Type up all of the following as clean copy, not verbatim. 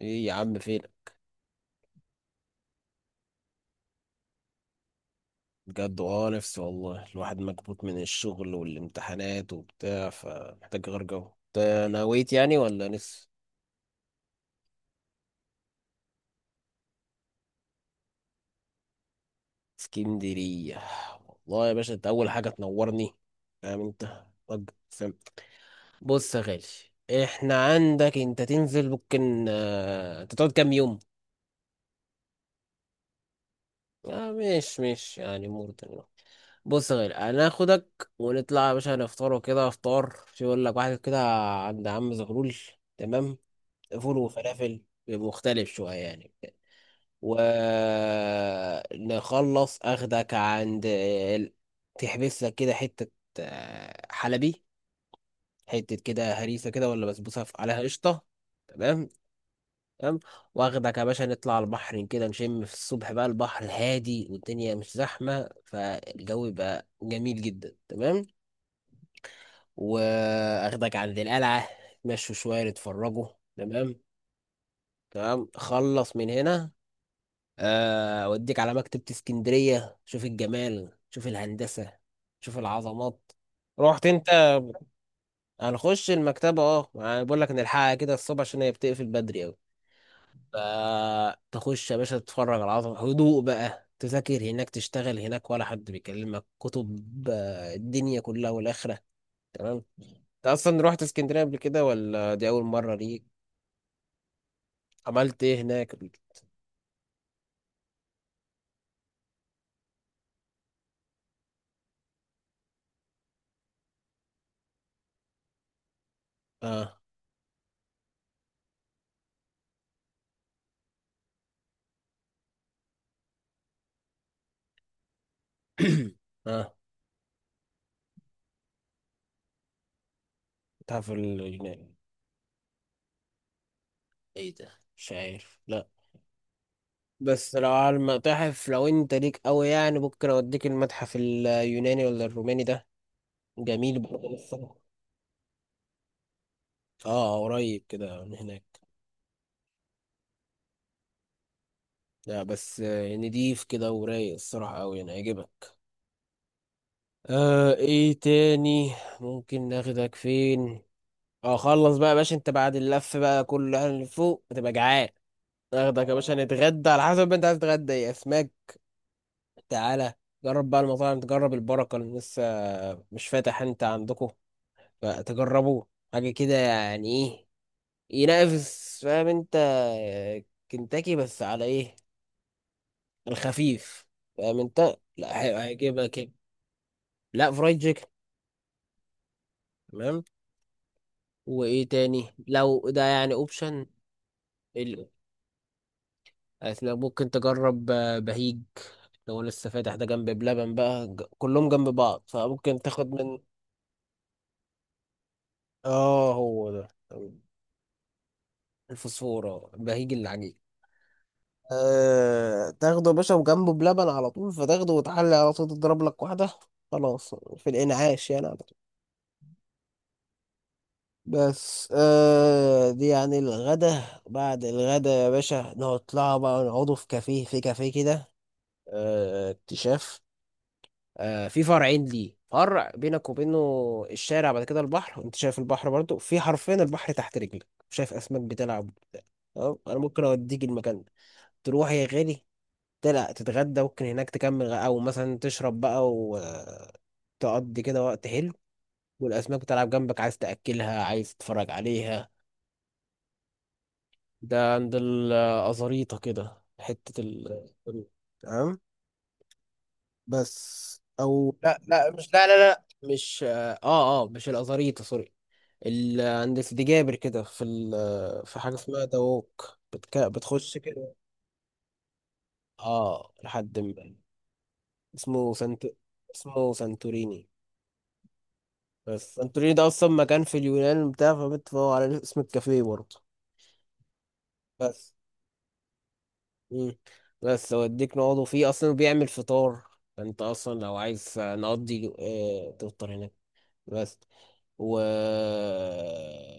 ايه يا عم فينك؟ بجد نفسي والله، الواحد مكبوت من الشغل والامتحانات وبتاع، فمحتاج غير جو. انت نويت يعني ولا لسه؟ اسكندرية؟ والله يا باشا انت اول حاجة تنورني. فاهم انت؟ طب فاهم. بص يا غالي، احنا عندك انت تنزل ممكن انت تقعد كام يوم؟ اه، مش يعني مرتين. بص يا غالي، هناخدك ونطلع يا باشا نفطر وكده، افطار شو يقول لك واحد كده، عند عم زغلول. تمام. فول وفلافل، مختلف شوية يعني. ونخلص أخدك عند تحبس لك كده حتة، حلبي، حتة كده هريسة كده ولا بسبوسة عليها قشطة. تمام. تمام. واخدك يا باشا نطلع على البحر كده، نشم في الصبح بقى، البحر هادي والدنيا مش زحمة، فالجو بقى جميل جدا. تمام. واخدك عند القلعة، مشوا شوية نتفرجوا. تمام. تمام. خلص من هنا، اوديك على مكتبة اسكندرية، شوف الجمال، شوف الهندسة، شوف العظمات. رحت انت؟ هنخش المكتبة، اه يعني بقول لك نلحقها كده الصبح عشان هي بتقفل بدري اوي. فتخش يا باشا تتفرج على العظمة، هدوء بقى، تذاكر هناك، تشتغل هناك، ولا حد بيكلمك، كتب، الدنيا كلها والآخرة. تمام. انت اصلا رحت اسكندرية قبل كده ولا دي اول مرة ليك؟ عملت ايه هناك؟ اه. اه. تعرف اليونان؟ ايه ده؟ مش عارف، لا. بس لو على المتاحف، لو انت ليك قوي يعني، ممكن اوديك المتحف اليوناني ولا الروماني ده، جميل برضه الصراحة. اه قريب كده من هناك. لا بس نضيف كده ورايق الصراحة قوي، انا هيعجبك. آه، ايه تاني؟ ممكن ناخدك فين؟ اه خلص بقى يا باشا، انت بعد اللف بقى كل اللي فوق هتبقى جعان. ناخدك يا باشا نتغدى، على حسب ما انت عايز تتغدى ايه، اسماك؟ تعالى جرب بقى المطاعم، تجرب البركة اللي لسه مش فاتح، انت عندكم فتجربوه، حاجة كده يعني ايه، ينافس، فاهم انت؟ آه، كنتاكي بس على ايه؟ الخفيف، فاهم انت؟ لا هيجيبها كده. لا، فرايد تشيكن. تمام. وايه تاني لو ده يعني اوبشن؟ ممكن تجرب بهيج، لو لسه فاتح ده جنب بلبن بقى كلهم جنب بعض، فممكن تاخد من، اه هو ده، الفوسفور، اه بهيج العجيب. تاخده يا باشا وجنبه بلبن على طول، فتاخده وتحلي على طول، تضرب لك واحدة خلاص في الإنعاش يعني على طول. بس دي يعني الغدا. بعد الغدا يا باشا نطلع بقى نقعدوا في كافيه، في كافيه كده، اكتشاف، في فرعين ليه، فرع بينك وبينه الشارع بعد كده البحر، وانت شايف البحر برضو في حرفين، البحر تحت رجلك، شايف أسماك بتلعب. تمام؟ انا ممكن اوديك المكان ده، تروح يا غالي تلا تتغدى، ممكن هناك تكمل او مثلا تشرب بقى وتقضي كده وقت حلو، والاسماك بتلعب جنبك، عايز تاكلها عايز تتفرج عليها. ده عند الازاريطه كده، حته ال تمام. بس او، لا لا، مش، لا لا لا، مش، اه اه مش الازاريطه، سوري. عند سيدي جابر كده، في ال... في حاجه اسمها دوك بتخش كده، اه لحد ما، اسمه سنت، اسمه سانتوريني. بس انتوني ده اصلا مكان في اليونان بتاع، فبتفقوا على اسم الكافيه برضه. بس. مم. بس اوديك نقعدوا فيه، اصلا بيعمل فطار، انت اصلا لو عايز نقضي، اه تفطر هناك. بس، و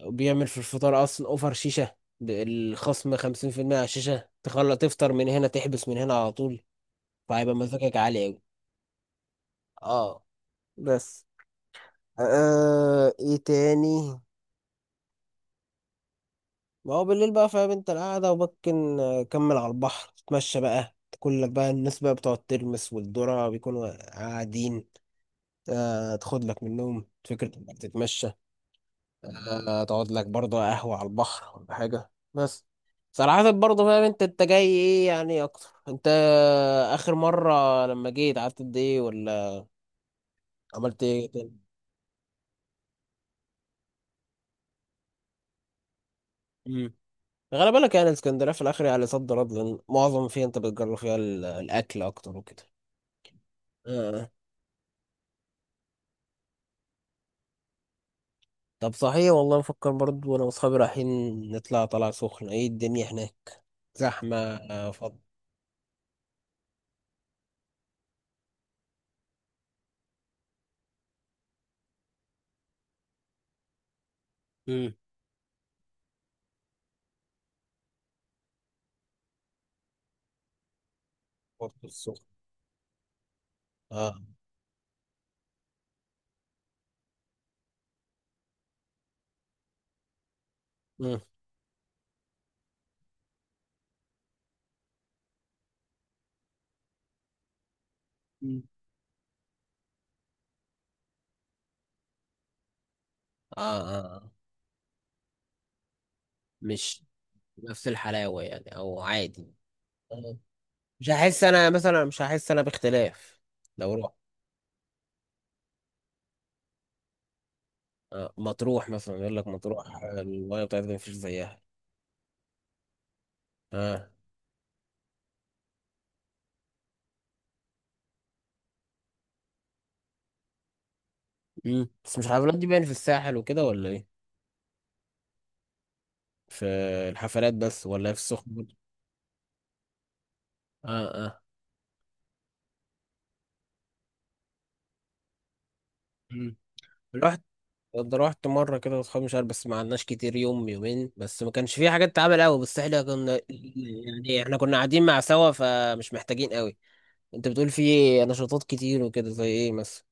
وبيعمل في الفطار اصلا اوفر شيشة بالخصم 50% على الشيشة، تخلى تفطر من هنا، تحبس من هنا على طول، فهيبقى مزاجك عالي اوي. اه بس. آه، ايه تاني؟ ما هو بالليل بقى، فاهم انت، القعدة، وممكن كمل على البحر، تتمشى بقى، تاكل لك بقى، الناس بقى بتقعد ترمس والذرة بيكونوا قاعدين، آه تاخد لك منهم فكرة انك تتمشى، آه تقعد لك برضه قهوة على البحر ولا حاجة. بس صراحة برضه فاهم انت، انت جاي ايه يعني اكتر؟ انت اخر مرة لما جيت قعدت قد ايه، ولا عملت ايه تاني؟ مم. غالبا لك يعني اسكندرية في الاخر يعني صد رد، لان معظم فيها انت بتجرب فيها الاكل اكتر وكده. آه. طب صحيح، والله بفكر برضو، وانا واصحابي رايحين نطلع طلع سخنة. ايه الدنيا هناك؟ زحمة فض؟ امم. برضو السخنة. اه. مم. مم. آه. مش نفس الحلاوة يعني، او عادي؟ آه. مش هحس انا مثلا، مش هحس انا باختلاف لو رحت؟ آه. مطروح مثلا يقول لك، مطروح المية بتاعتها مفيش زيها. اه. امم. بس مش الحفلات دي باين في الساحل وكده، ولا ايه؟ في الحفلات بس، ولا في السخنة برضو؟ اه اه. امم. ده رحت مرة كده واصحابي، مش عارف بس ما عدناش كتير، يوم يومين بس، ما كانش فيه حاجات تتعمل قوي، بس احنا كنا يعني، احنا كنا قاعدين مع سوا، فمش محتاجين قوي. انت بتقول فيه نشاطات كتير وكده، زي ايه مثلا؟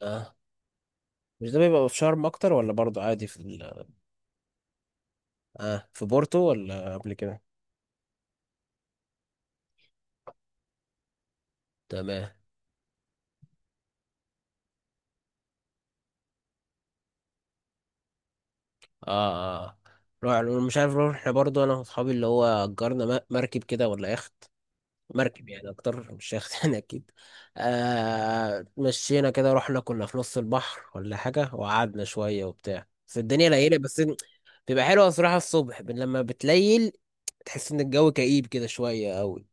اه. مش ده بيبقى في شرم اكتر، ولا برضه عادي في ال...؟ اه، في بورتو ولا قبل كده؟ تمام. اه اه. روح، مش عارف، روح احنا برضه، انا واصحابي اللي هو اجرنا مركب كده ولا يخت، مركب يعني اكتر، مش شايخ يعني اكيد. آه مشينا كده، رحنا كنا في نص البحر ولا حاجه، وقعدنا شويه وبتاع، بس الدنيا ليله بس بيبقى حلوه الصراحه، الصبح لما بتليل تحس ان الجو كئيب كده شويه قوي.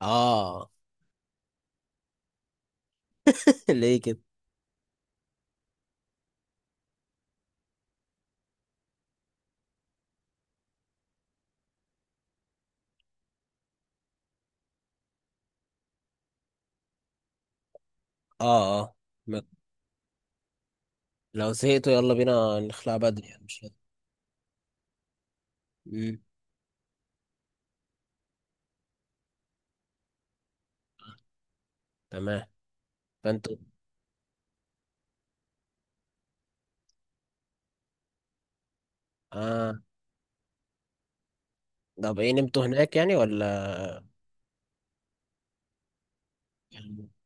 اه. ليه كده؟ اه اه. م- لو زهقتوا يلا بينا نخلع بدري يعني، مش؟ امم. تمام. فانتوا. اه. طب ايه، نمتوا هناك يعني ولا؟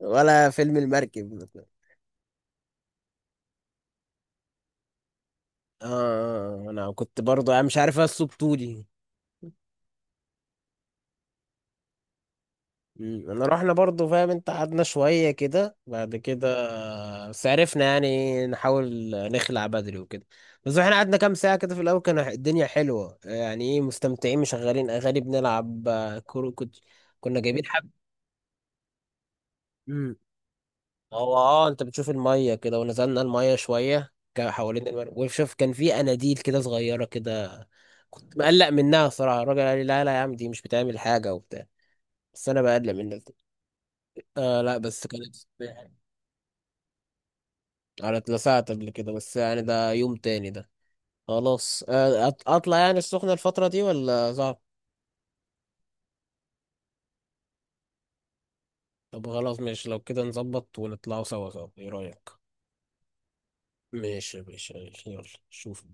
ولا فيلم المركب؟ اه انا كنت برضو، انا مش عارف اصله بطولي. مم، انا رحنا برضو فاهم انت، قعدنا شوية كده بعد كده، بس عرفنا يعني نحاول نخلع بدري وكده. بس احنا قعدنا كام ساعة كده في الاول، كان الدنيا حلوة يعني، ايه مستمتعين، مشغلين اغاني، بنلعب كورة، كنت كنا جايبين حب. مم. هو اه انت بتشوف المية كده، ونزلنا المية شوية حوالين وشوف كان في اناديل كده صغيرة كده، كنت مقلق منها صراحة، الراجل قال لي لا لا يا عم، دي مش بتعمل حاجة وبتاع، بس انا بقلل منك. آه لا بس كانت، انا اتلسعت قبل كده، بس يعني ده يوم تاني ده. خلاص اطلع يعني السخنة الفترة دي، ولا صعب؟ طب خلاص ماشي، لو كده نظبط ونطلعوا سوا سوا، ايه رأيك؟ ماشي ماشي ماشي، يلا شوف.